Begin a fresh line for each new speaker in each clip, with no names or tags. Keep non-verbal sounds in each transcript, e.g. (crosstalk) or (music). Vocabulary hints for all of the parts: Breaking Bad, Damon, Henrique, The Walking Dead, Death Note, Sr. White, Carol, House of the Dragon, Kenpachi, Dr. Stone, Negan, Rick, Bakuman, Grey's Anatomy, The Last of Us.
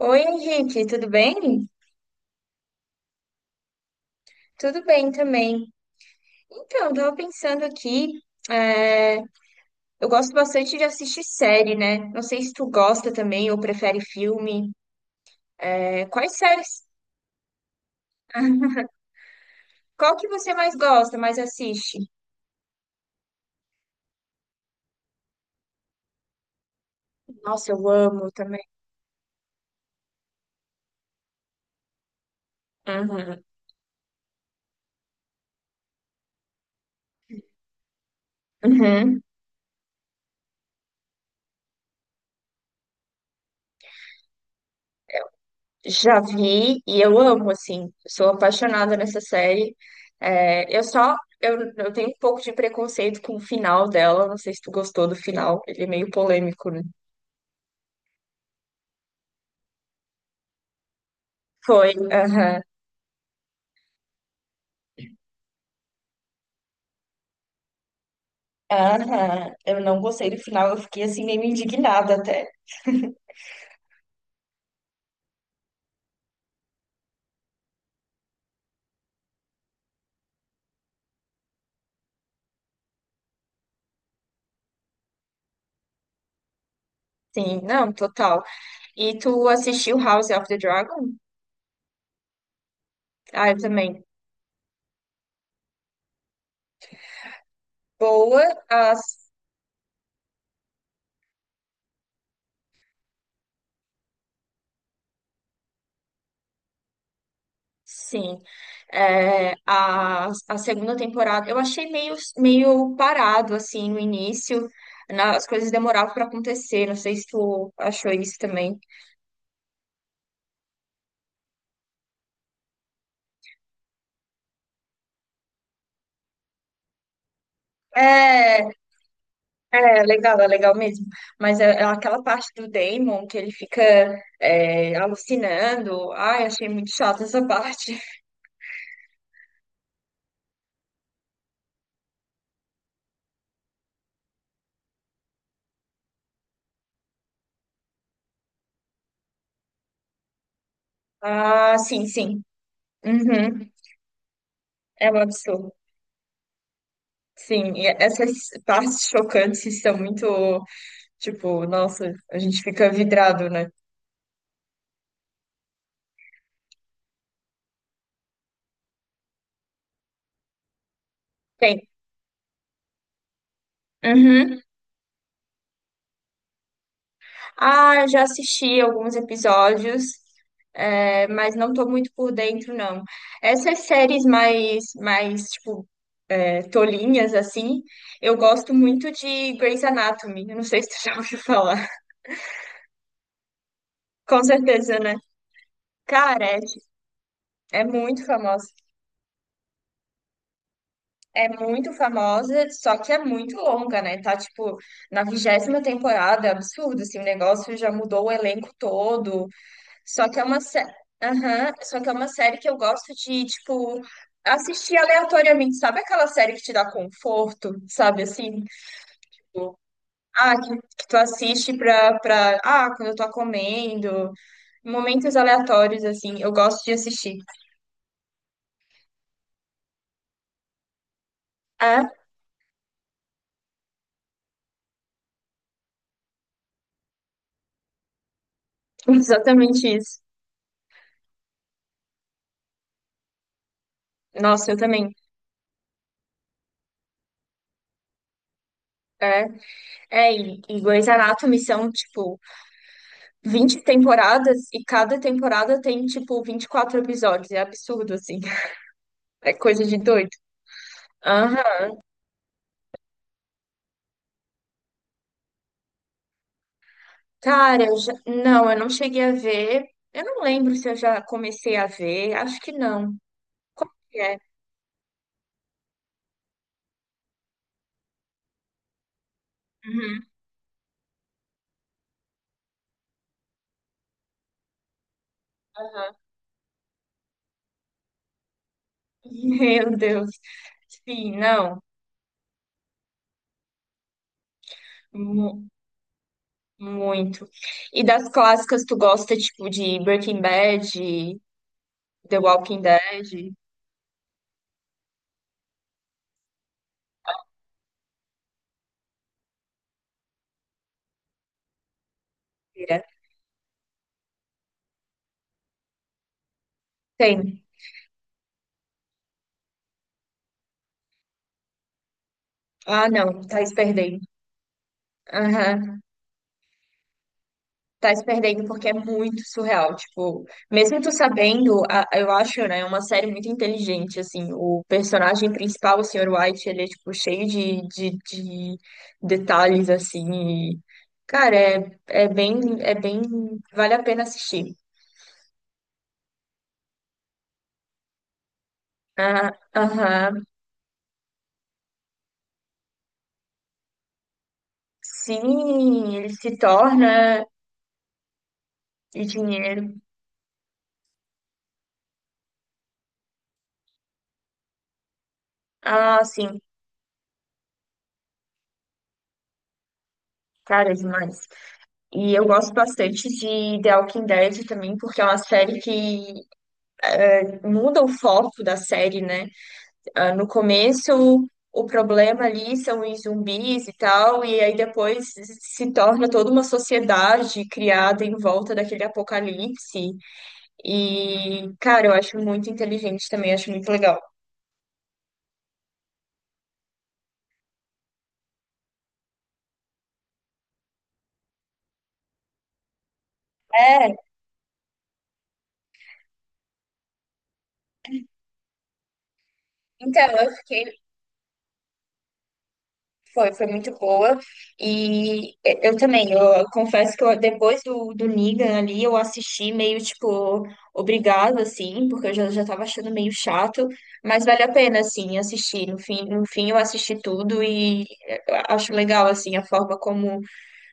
Oi, Henrique, tudo bem? Tudo bem também. Então, eu tava pensando aqui, é, eu gosto bastante de assistir série, né? Não sei se tu gosta também ou prefere filme. É, quais séries? Qual que você mais gosta, mais assiste? Nossa, eu amo também. Uhum. Uhum. Já vi e eu amo, assim. Sou apaixonada nessa série. É, eu só, eu tenho um pouco de preconceito com o final dela. Não sei se tu gostou do final. Ele é meio polêmico, né? Foi, aham. Aham, eu não gostei do final, eu fiquei assim meio indignada até. Sim, não, total. E tu assistiu House of the Dragon? Ah, eu também. Boa, as, sim. É, a segunda temporada, eu achei meio parado, assim, no início. As coisas demoravam para acontecer, não sei se tu achou isso também. É, é legal, é legal mesmo. Mas é aquela parte do Damon que ele fica alucinando. Ai, achei muito chata essa parte. (laughs) Ah, sim, sim. Uhum. É um absurdo. Sim, e essas partes chocantes são muito, tipo, nossa, a gente fica vidrado, né? Tem. Uhum. Ah, eu já assisti alguns episódios, mas não tô muito por dentro, não. Essas séries tipo, tolinhas assim. Eu gosto muito de Grey's Anatomy. Eu não sei se tu (laughs) já ouviu falar. Com certeza, né? Cara, é, ti- é muito famosa. É muito famosa, só que é muito longa, né? Tá, tipo, na 20ª temporada, é absurdo, assim, o negócio já mudou o elenco todo. Só que é uma série. Aham, só que é uma série que eu gosto de, tipo, assistir aleatoriamente. Sabe aquela série que te dá conforto, sabe, assim? Ah, que, que tu assiste pra, pra. Ah, quando eu tô comendo. Momentos aleatórios, assim. Eu gosto de assistir. É, (laughs) exatamente isso. Nossa, eu também. É, é e Grey's Anatomy são, tipo, 20 temporadas e cada temporada tem, tipo, 24 episódios. É absurdo, assim. (laughs) É coisa de doido. Aham. Cara, eu já... não, eu não cheguei a ver. Eu não lembro se eu já comecei a ver. Acho que não. Como que é? Uhum. (laughs) Meu Deus. Sim, não. Mu- muito. E das clássicas, tu gosta, tipo, de Breaking Bad, The Walking Dead? É. Tem. Ah, não, tá se perdendo. Aham. Tá se perdendo porque é muito surreal. Tipo, mesmo tu sabendo, eu acho, né, uma série muito inteligente, assim. O personagem principal, o Sr. White, ele é, tipo, cheio de detalhes, assim. e, cara, é bem, vale a pena assistir. Ah, aham. Sim, ele se torna de dinheiro. Ah, sim, cara, é demais. E eu gosto bastante de The Walking Dead também, porque é uma série que muda o foco da série, né? Ah, no começo, o problema ali são os zumbis e tal, e aí depois se torna toda uma sociedade criada em volta daquele apocalipse. E, cara, eu acho muito inteligente também, acho muito legal. É, então, eu fiquei foi, foi muito boa. E é, eu também, eu confesso que eu, depois do Negan ali, eu assisti meio, tipo, obrigada, assim, porque eu já tava achando meio chato, mas vale a pena, assim, assistir. No fim eu assisti tudo e é, eu acho legal, assim, a forma como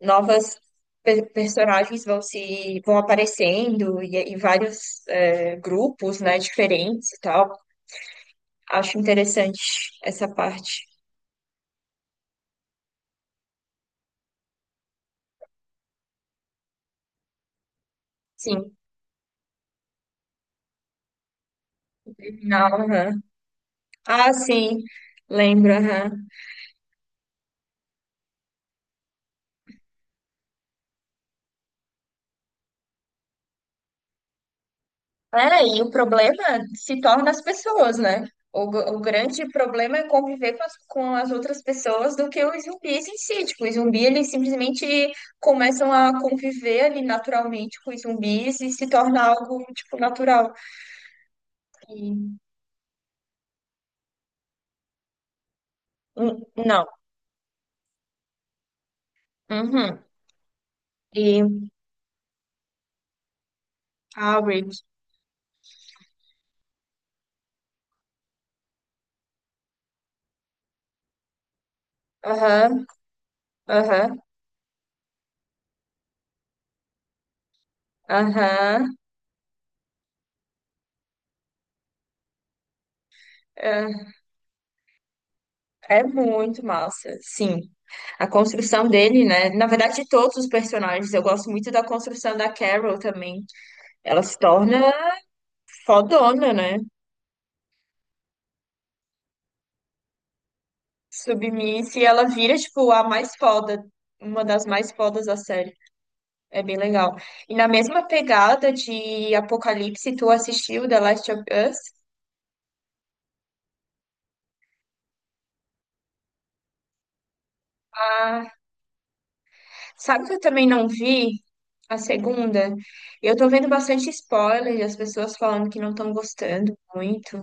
novas personagens vão se, vão aparecendo e vários, grupos, né, diferentes e tal. Acho interessante essa parte. Sim, no final, aham. Ah, sim, lembro, aham. É, e o problema se torna as pessoas, né? O grande problema é conviver com com as outras pessoas do que os zumbis em si. Tipo, os zumbis, eles simplesmente começam a conviver ali naturalmente com os zumbis e se torna algo, tipo, natural. E, não. Uhum. E, ah, Rick. Aham, aham, aham, aham. É muito massa, sim. A construção dele, né? Na verdade, de todos os personagens, eu gosto muito da construção da Carol também. Ela se torna fodona, né? Submissa e ela vira, tipo, a mais foda, uma das mais fodas da série. É bem legal. E na mesma pegada de Apocalipse, tu assistiu The Last of Us? Ah, sabe que eu também não vi? A segunda. Eu tô vendo bastante spoiler, as pessoas falando que não estão gostando muito.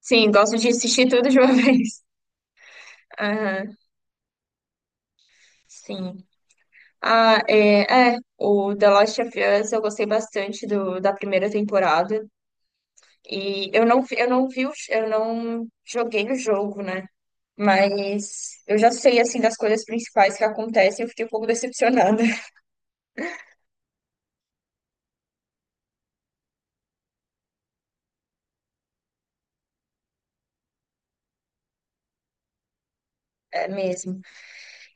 Sim, gosto de assistir tudo de uma (laughs) vez. Aham, sim. O The Last of Us eu gostei bastante da primeira temporada. Eu não vi, eu não joguei o jogo, né? Mas eu já sei, assim, das coisas principais que acontecem. Eu fiquei um pouco decepcionada, (laughs) é mesmo.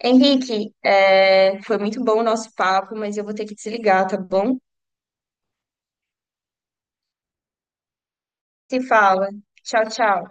Henrique, é, foi muito bom o nosso papo, mas eu vou ter que desligar, tá bom? Se fala. Tchau, tchau.